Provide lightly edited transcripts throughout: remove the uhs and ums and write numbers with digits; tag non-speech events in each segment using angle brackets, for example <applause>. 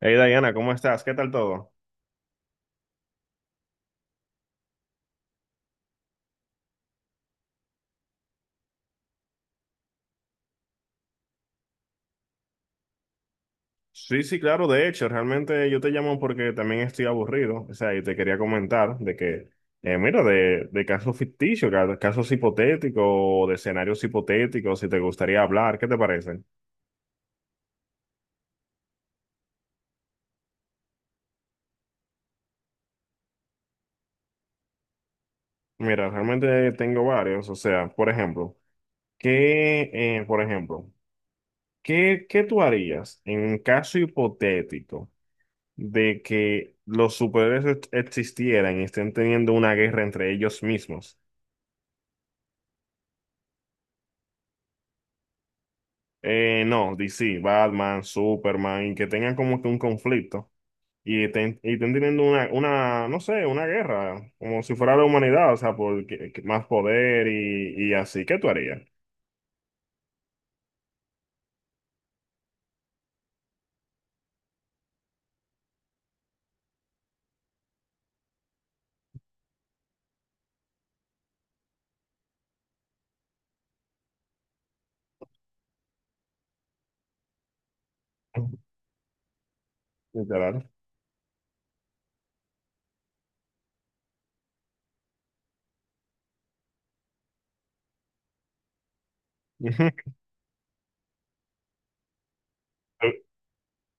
Hey Diana, ¿cómo estás? ¿Qué tal todo? Sí, sí, claro, de hecho, realmente yo te llamo porque también estoy aburrido, o sea, y te quería comentar de que, mira, de casos ficticios, casos hipotéticos, o de escenarios hipotéticos, si te gustaría hablar, ¿qué te parece? Mira, realmente tengo varios, o sea, por ejemplo, por ejemplo, ¿qué, qué tú harías en un caso hipotético de que los superhéroes existieran y estén teniendo una guerra entre ellos mismos? No, DC, Batman, Superman, y que tengan como que un conflicto y estén teniendo una, no sé, una guerra, como si fuera la humanidad, o sea, que más poder y así. ¿Qué tú harías? <laughs> Literal. <laughs>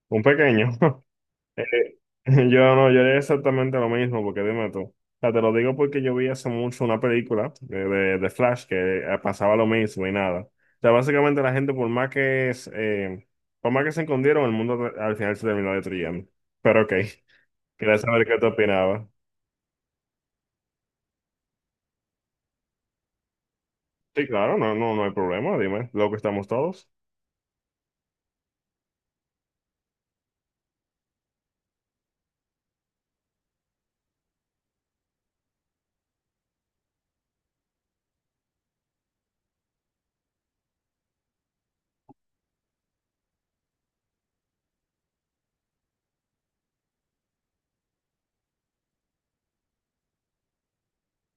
Un pequeño. <laughs> Eh, <laughs> Yo no, yo haría exactamente lo mismo, porque dime tú. O sea, te lo digo porque yo vi hace mucho una película de, de Flash que pasaba lo mismo y nada. O sea, básicamente la gente, por más que se escondieron, el mundo al final se terminó destruyendo. Pero ok, <laughs> quería saber qué te opinaba. Sí, claro, no, no, no hay problema, dime, lo que estamos todos.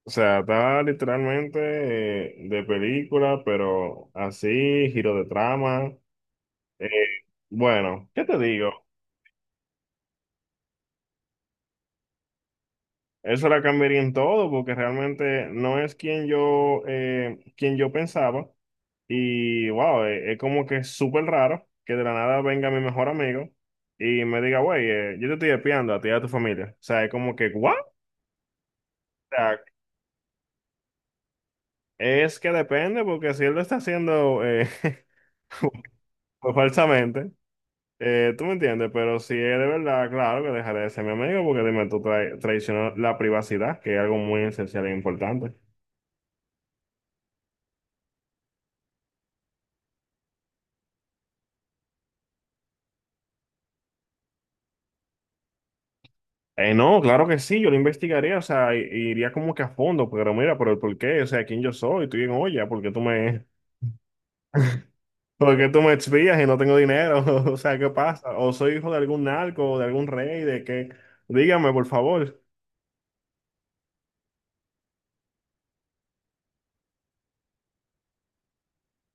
O sea, está literalmente de película, pero así, giro de trama. Eh, bueno, ¿qué te digo? Eso la cambiaría en todo, porque realmente no es quien yo pensaba. Y wow, como que es súper raro que de la nada venga mi mejor amigo y me diga, güey, yo te estoy espiando a ti y a tu familia. O sea, es como que, ¿what? O sea, es que depende, porque si él lo está haciendo <laughs> pues, falsamente, tú me entiendes, pero si es de verdad, claro que dejaré de ser mi amigo, porque dime, tú traicionas la privacidad, que es algo muy esencial e importante. No, claro que sí, yo lo investigaría, o sea, iría como que a fondo, pero mira, pero ¿por qué? O sea, ¿quién yo soy? Tú bien, oye, ¿por qué tú me, <laughs> por qué tú me espías y no tengo dinero? <laughs> O sea, ¿qué pasa? ¿O soy hijo de algún narco, de algún rey, de qué? Dígame, por favor.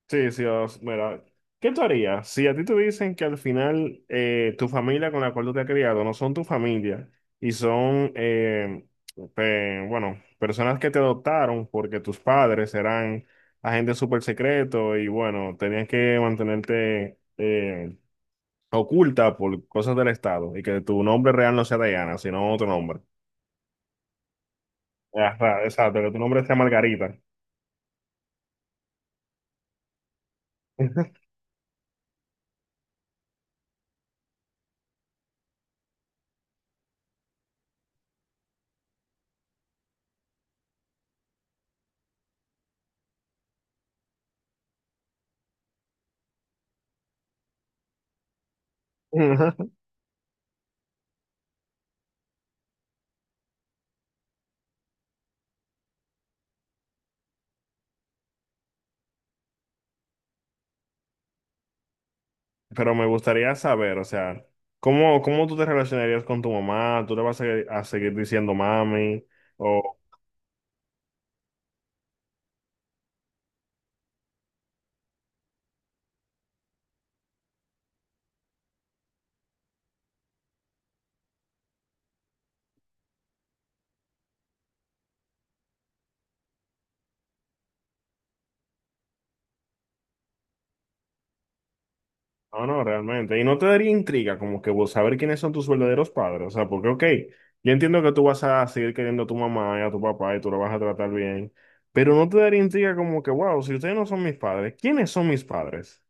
Sí, sí, mira, ¿qué tú harías si a ti te dicen que al final tu familia con la cual tú te has criado no son tu familia y son, bueno, personas que te adoptaron porque tus padres eran agentes súper secretos y bueno, tenías que mantenerte oculta por cosas del Estado y que tu nombre real no sea Diana, sino otro nombre? Ajá, exacto, que tu nombre sea Margarita. <laughs> Pero me gustaría saber, o sea, ¿cómo, cómo tú te relacionarías con tu mamá? ¿Tú le vas a seguir diciendo mami? O, no, no, realmente. Y no te daría intriga como que vos saber quiénes son tus verdaderos padres. O sea, porque, ok, yo entiendo que tú vas a seguir queriendo a tu mamá y a tu papá y tú lo vas a tratar bien, pero no te daría intriga como que, wow, si ustedes no son mis padres, ¿quiénes son mis padres?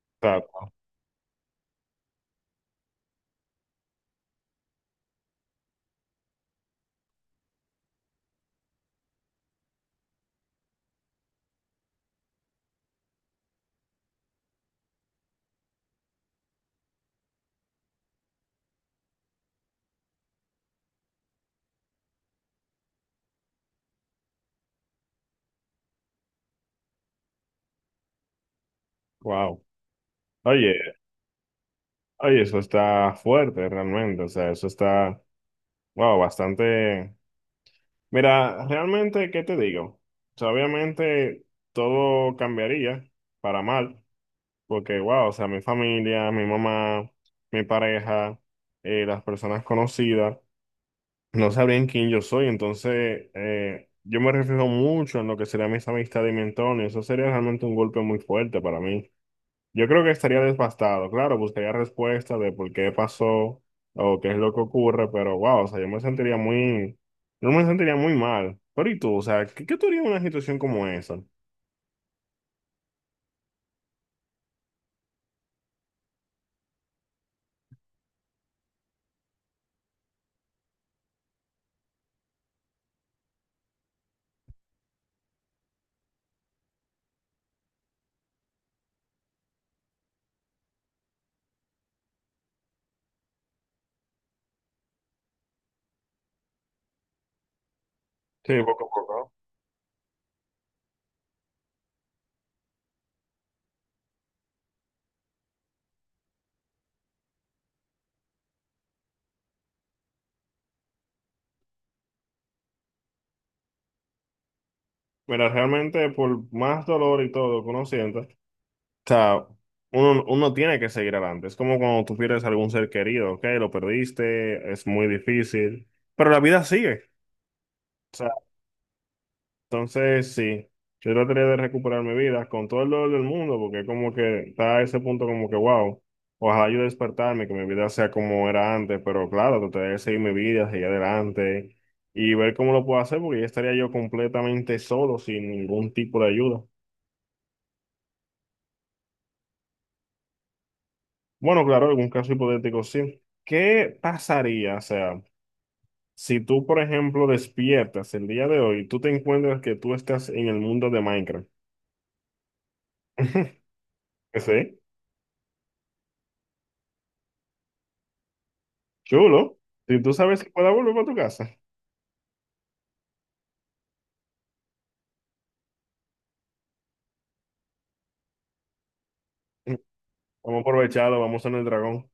O sea, wow. Oye, oye, eso está fuerte realmente. O sea, eso está, wow, bastante. Mira, realmente, ¿qué te digo? O sea, obviamente todo cambiaría para mal, porque, wow, o sea, mi familia, mi mamá, mi pareja, las personas conocidas, no sabrían quién yo soy, entonces yo me reflejo mucho en lo que serían mis amistades y mi entorno, y eso sería realmente un golpe muy fuerte para mí. Yo creo que estaría desbastado, claro, buscaría respuestas de por qué pasó o qué es lo que ocurre, pero wow, o sea, yo me sentiría muy mal. Pero ¿y tú? O sea, ¿qué, qué tú harías en una situación como esa? Sí, poco a poco. Mira, realmente por más dolor y todo que uno sienta, o sea, uno tiene que seguir adelante. Es como cuando tú pierdes algún ser querido, ok, lo perdiste, es muy difícil, pero la vida sigue. Entonces, sí, yo trataría de recuperar mi vida con todo el dolor del mundo, porque como que está a ese punto como que, wow, ojalá yo despertarme, que mi vida sea como era antes, pero claro, trataré de seguir mi vida, seguir adelante y ver cómo lo puedo hacer, porque ya estaría yo completamente solo, sin ningún tipo de ayuda. Bueno, claro, algún caso hipotético, sí. ¿Qué pasaría, o sea, si tú, por ejemplo, despiertas el día de hoy, tú te encuentras que tú estás en el mundo de Minecraft? <laughs> ¿Sí? Chulo. Si tú sabes que pueda volver para tu casa, <laughs> vamos a aprovecharlo, vamos a en el dragón.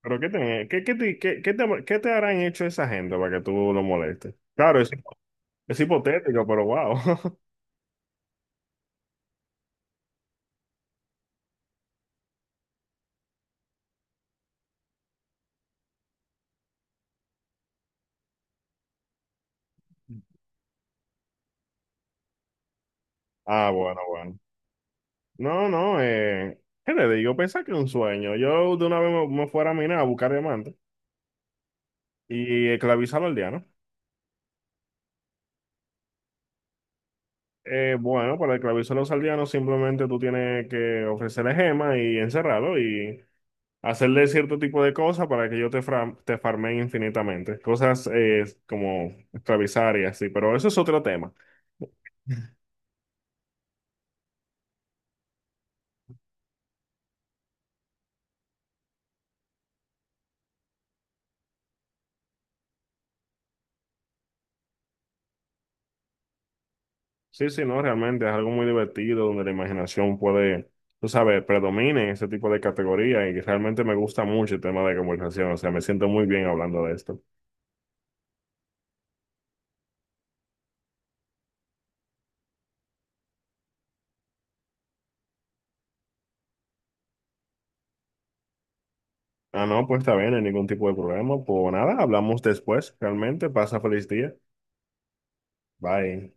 Pero ¿qué te harán hecho esa gente para que tú lo molestes? Claro, es hipotético, pero wow. <laughs> Ah, bueno, bueno. No, no, ¿qué le digo? Pensá que es un sueño. Yo de una vez me, me fuera a minar a buscar diamantes y esclavizar a los aldeanos. Bueno, para esclavizar a los aldeanos simplemente tú tienes que ofrecerle gemas y encerrarlo y hacerle cierto tipo de cosas para que yo te, te farme infinitamente. Cosas como esclavizar y así, pero eso es otro tema. Sí, sí, no, realmente es algo muy divertido donde la imaginación puede, tú sabes, predomine en ese tipo de categoría y realmente me gusta mucho el tema de conversación, o sea, me siento muy bien hablando de esto. Ah, no, pues está bien, no hay ningún tipo de problema. Pues nada, hablamos después, realmente, pasa feliz día. Bye.